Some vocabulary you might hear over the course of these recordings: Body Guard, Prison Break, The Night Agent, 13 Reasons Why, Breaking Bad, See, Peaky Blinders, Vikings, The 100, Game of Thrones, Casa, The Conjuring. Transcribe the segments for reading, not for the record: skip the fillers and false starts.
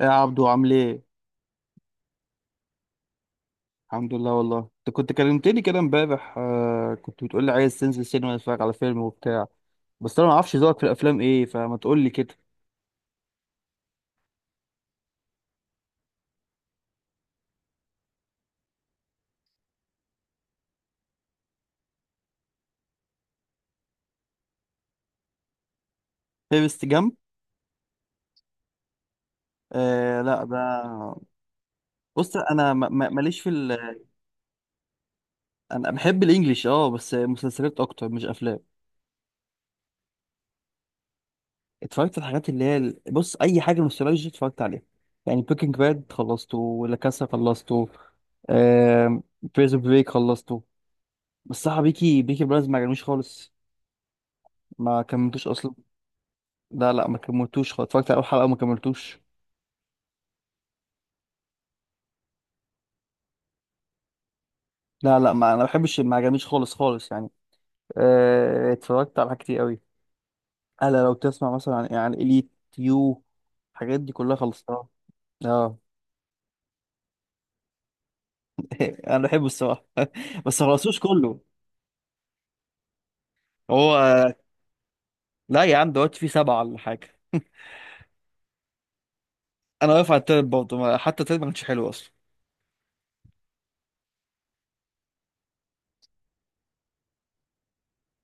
إيه يا عبدو عامل ايه؟ الحمد لله والله. انت كنت كلمتني كده امبارح، آه، كنت بتقول لي عايز تنزل سينما تتفرج على فيلم وبتاع. بس انا ما اعرفش ذوقك في الافلام ايه، فما تقول لي كده. فيرست جامب؟ آه لا ده. بص انا ماليش في انا بحب الانجليش، اه، بس مسلسلات اكتر مش افلام. اتفرجت على الحاجات اللي هي بص اي حاجه نوستالجيا اتفرجت عليها. يعني بيكنج باد خلصته، ولا كاسا خلصته، آه، بريزون بريك خلصته. بس صح، بيكي بيكي بلايندرز ما عجبنيش خالص، ما كملتوش اصلا. لا، ما كملتوش خالص، اتفرجت على اول حلقه وما كملتوش. لا، ما بحبش، ما عجبنيش خالص خالص يعني. آه، اتفرجت على حاجات كتير قوي. انا لو تسمع مثلا عن اليت، يو، الحاجات دي كلها خلصتها. اه انا بحبه الصراحه. بس ما خلصتوش كله. هو لا يا عم، دلوقتي في سبعه ولا حاجه. انا واقف على التالت برضه، حتى التالت ما كانش حلو اصلا.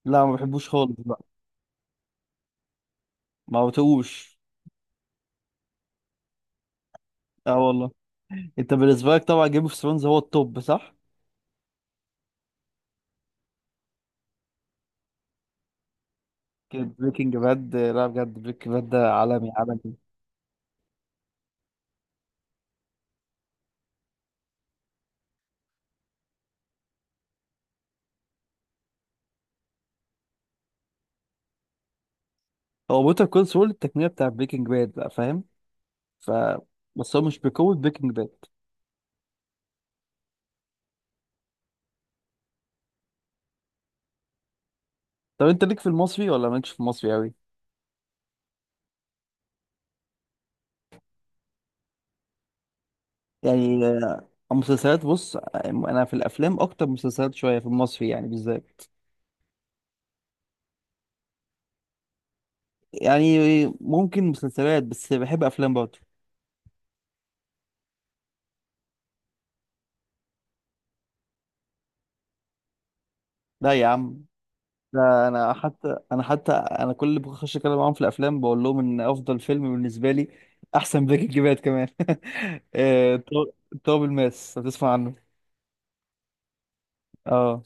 لا ما بحبوش خالص بقى، ما بتقوش. اه والله. انت بالنسبه لك طبعا جيم اوف ثرونز هو التوب صح؟ بريكنج باد لا، بجد بريكنج باد ده عالمي عالمي. هو بوتر كول سول التقنيه بتاع بريكنج باد بقى، فاهم؟ ف بس هو مش بقوه بريكنج باد. طب انت ليك في المصري ولا مالكش في المصري قوي؟ يعني آه، المسلسلات، بص، آه، انا في الافلام اكتر من مسلسلات شويه في المصري يعني بالذات. يعني ممكن مسلسلات، بس بحب افلام برضه. لا يا عم. لا انا حتى انا حتى انا كل اللي بخش اتكلم معاهم في الافلام بقول لهم ان افضل فيلم بالنسبه لي احسن بريكنج باد كمان. آه، تراب، تراب الماس، هتسمع عنه. اه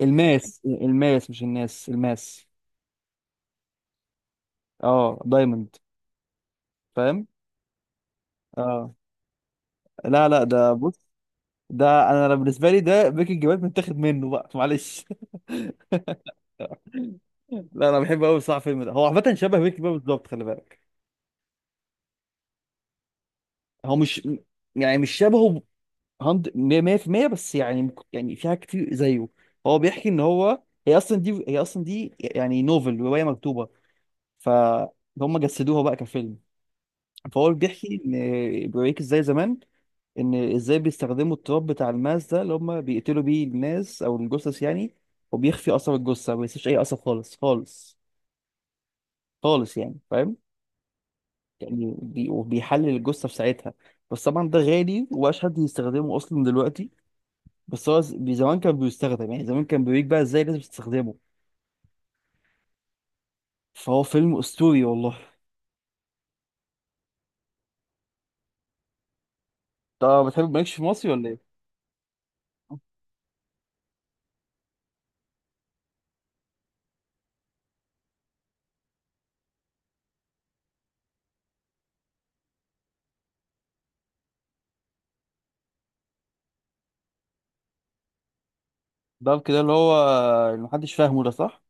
الماس، الماس مش الناس، الماس. اه، دايموند. فاهم. اه لا لا ده بص، ده انا بالنسبه لي ده بيكنج باد متاخد منه بقى، معلش. لا انا بحب قوي صح، الفيلم ده هو عامه شبه بيكنج باد بالظبط، خلي بالك. هو مش، يعني مش شبهه 100%، بس يعني يعني في حاجات كتير زيه. هو بيحكي ان هو هي اصلا دي هي اصلا دي يعني نوفل، روايه مكتوبه، فهم جسدوها بقى كفيلم. فهو بيحكي ان بيوريك ازاي زمان، ان ازاي بيستخدموا التراب بتاع الماس ده اللي هم بيقتلوا بيه الناس او الجثث يعني. وبيخفي اثر الجثه، ما بيسيبش اي اثر خالص خالص خالص يعني، فاهم؟ يعني وبيحلل الجثه في ساعتها. بس طبعا ده غالي ومبقاش حد يستخدمه اصلا دلوقتي. بس هو زمان كان بيستخدم، يعني زمان كان بيوريك بقى ازاي لازم تستخدمه. فهو فيلم اسطوري والله. طب بتحب، مالكش في مصري ولا ايه؟ ده كده اللي هو اللي محدش فاهمه ده، صح؟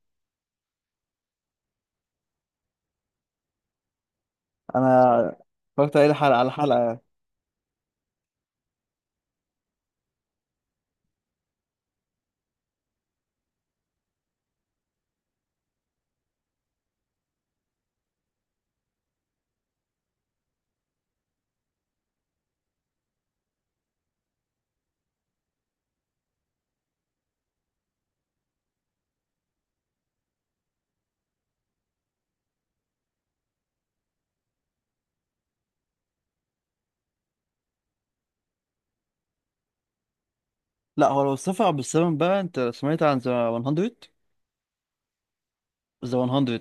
انا اتفرجت عليه حلقه على حلقه. لا هو لو السفر بالسلام بقى، انت سمعت عن ذا 100؟ ذا 100،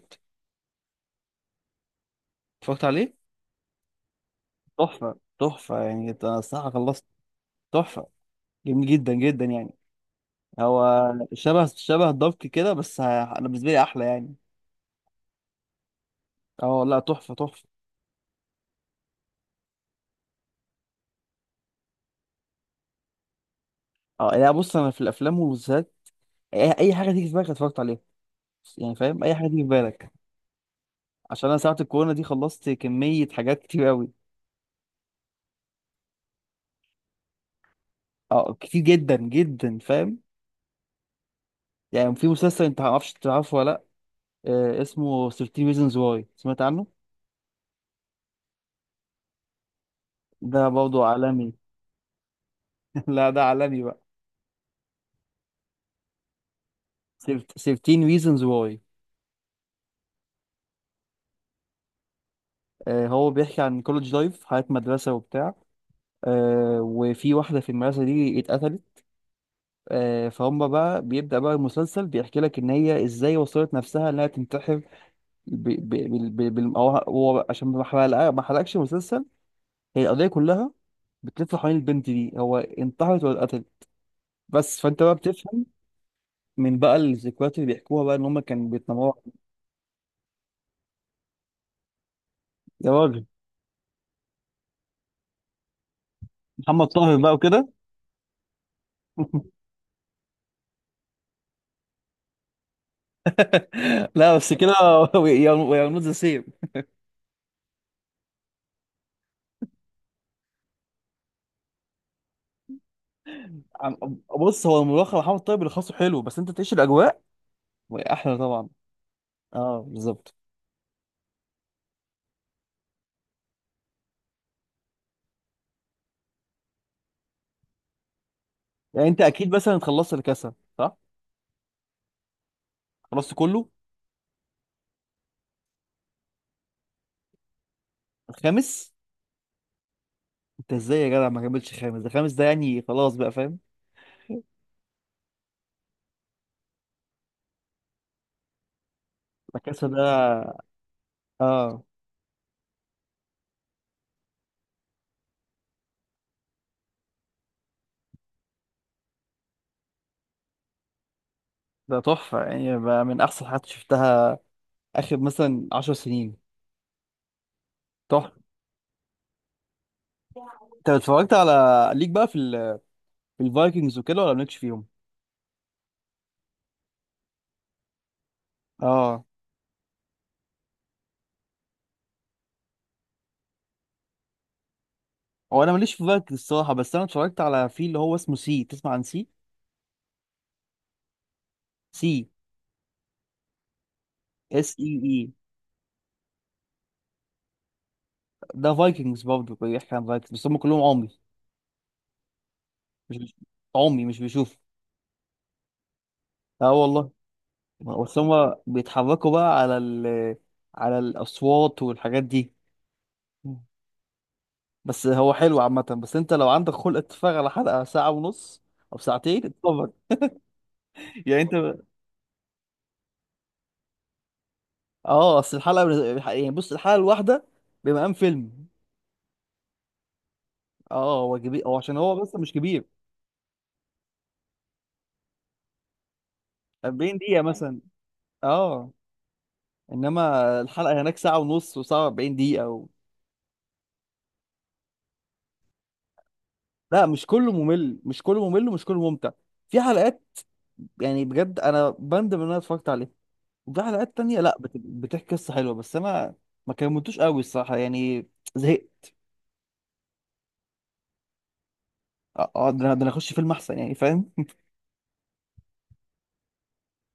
اتفرجت عليه؟ تحفة تحفة يعني، انا الصراحة خلصت. تحفة، جميل جدا جدا يعني. هو شبه شبه دارك كده، بس انا بالنسبة لي احلى يعني. اه لا، تحفة تحفة. اه لا بص، انا في الافلام والمسلسلات اي أي حاجة تيجي في بالك اتفرجت عليها، يعني فاهم، اي حاجة تيجي في بالك. عشان انا ساعة الكورونا دي خلصت كمية حاجات كتير قوي. اه كتير جدا جدا، فاهم. يعني في مسلسل انت ما تعرفش تعرفه ولا، آه، اسمه 13 reasons why، سمعت عنه؟ ده برضه عالمي. لا ده عالمي بقى. 13 reasons why، آه، هو بيحكي عن كولج لايف، حياة مدرسة وبتاع. آه، وفي واحدة في المدرسة دي اتقتلت. آه، فهم بقى بيبدأ بقى المسلسل بيحكي لك إن هي إزاي وصلت نفسها إنها تنتحر. هو بقى، عشان ما حرقش المسلسل. هي القضية كلها بتلف حوالين البنت دي هو انتحرت ولا اتقتلت. بس فأنت بقى بتفهم من بقى الذكريات اللي بيحكوها بقى ان هم كانوا بيتنمروا. يا راجل. محمد طاهر بقى وكده. لا بس كده. يا، نوت ذا سيم. بص هو الملوخيه محمد طاهر اللي خاصه حلو، بس انت تعيش الاجواء احلى طبعا. اه بالظبط. يعني انت اكيد مثلا خلصت الكاسه صح؟ خلصت كله؟ الخامس؟ انت ازاي يا جدع ما كملتش خامس؟ ده خامس ده يعني خلاص بقى، فاهم. الكاسه ده. اه. ده تحفه يعني، بقى من احسن حاجات شفتها اخر مثلا 10 سنين. تحفه. انت اتفرجت على ليك بقى في في الفايكنجز وكده ولا مالكش فيهم؟ اه هو انا ماليش في فايكنج الصراحه، بس انا اتفرجت على في اللي هو اسمه سي، تسمع عن سي؟ سي، اس اي اي. ده فايكنجز برضه، بيحكي عن فايكنجز بس هم كلهم عمي. مش بيش... عمي مش بيشوف. اه والله. بس هم بيتحركوا بقى على على الاصوات والحاجات دي. بس هو حلو عامه، بس انت لو عندك خلق تتفرج على حلقه ساعه ونص او ساعتين، اتفرج. يعني انت، اه، يعني بص الحلقه الواحده بمقام فيلم. اه هو كبير، هو عشان هو بس مش كبير. 40 دقيقة مثلا. اه انما الحلقه هناك ساعه ونص وساعه 40 دقيقه. لا مش كله ممل، مش كله ممل ومش كله ممتع. في حلقات يعني بجد انا بندم ان انا اتفرجت عليها، وفي حلقات تانية لا بتحكي قصه حلوه، بس انا ما كملتوش قوي الصراحه يعني، زهقت. اه آه، ده انا ده أنا اخش فيلم احسن يعني، فاهم.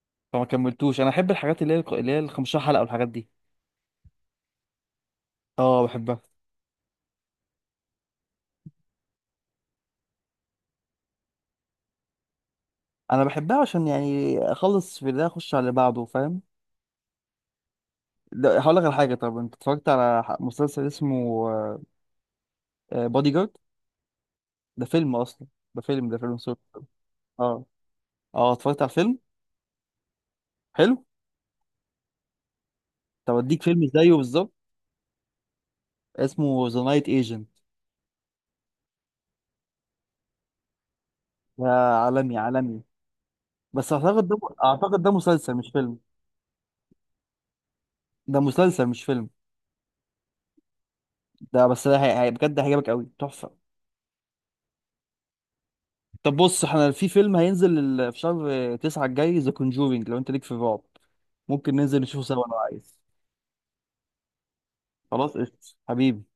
فما كملتوش، انا احب الحاجات اللي هي اللي هي ال 15 حلقه والحاجات دي. اه بحبها، انا بحبها عشان يعني اخلص في ده اخش على اللي بعده، فاهم. هقول لك على حاجه، طب انت اتفرجت على مسلسل اسمه بادي جارد؟ ده فيلم اصلا، ده فيلم سوري. اه. اه اتفرجت على الفيلم، حلو. طب اديك فيلم زيه بالظبط، اسمه ذا نايت ايجنت. ده عالمي عالمي. بس اعتقد ده، اعتقد ده مسلسل مش فيلم. ده مسلسل مش فيلم. ده بس ده بجد هيعجبك قوي، تحفه. طب بص، احنا في فيلم هينزل في شهر تسعة الجاي، ذا كونجورينج، لو انت ليك في الرعب ممكن ننزل نشوفه سوا لو عايز. خلاص قشطة حبيبي.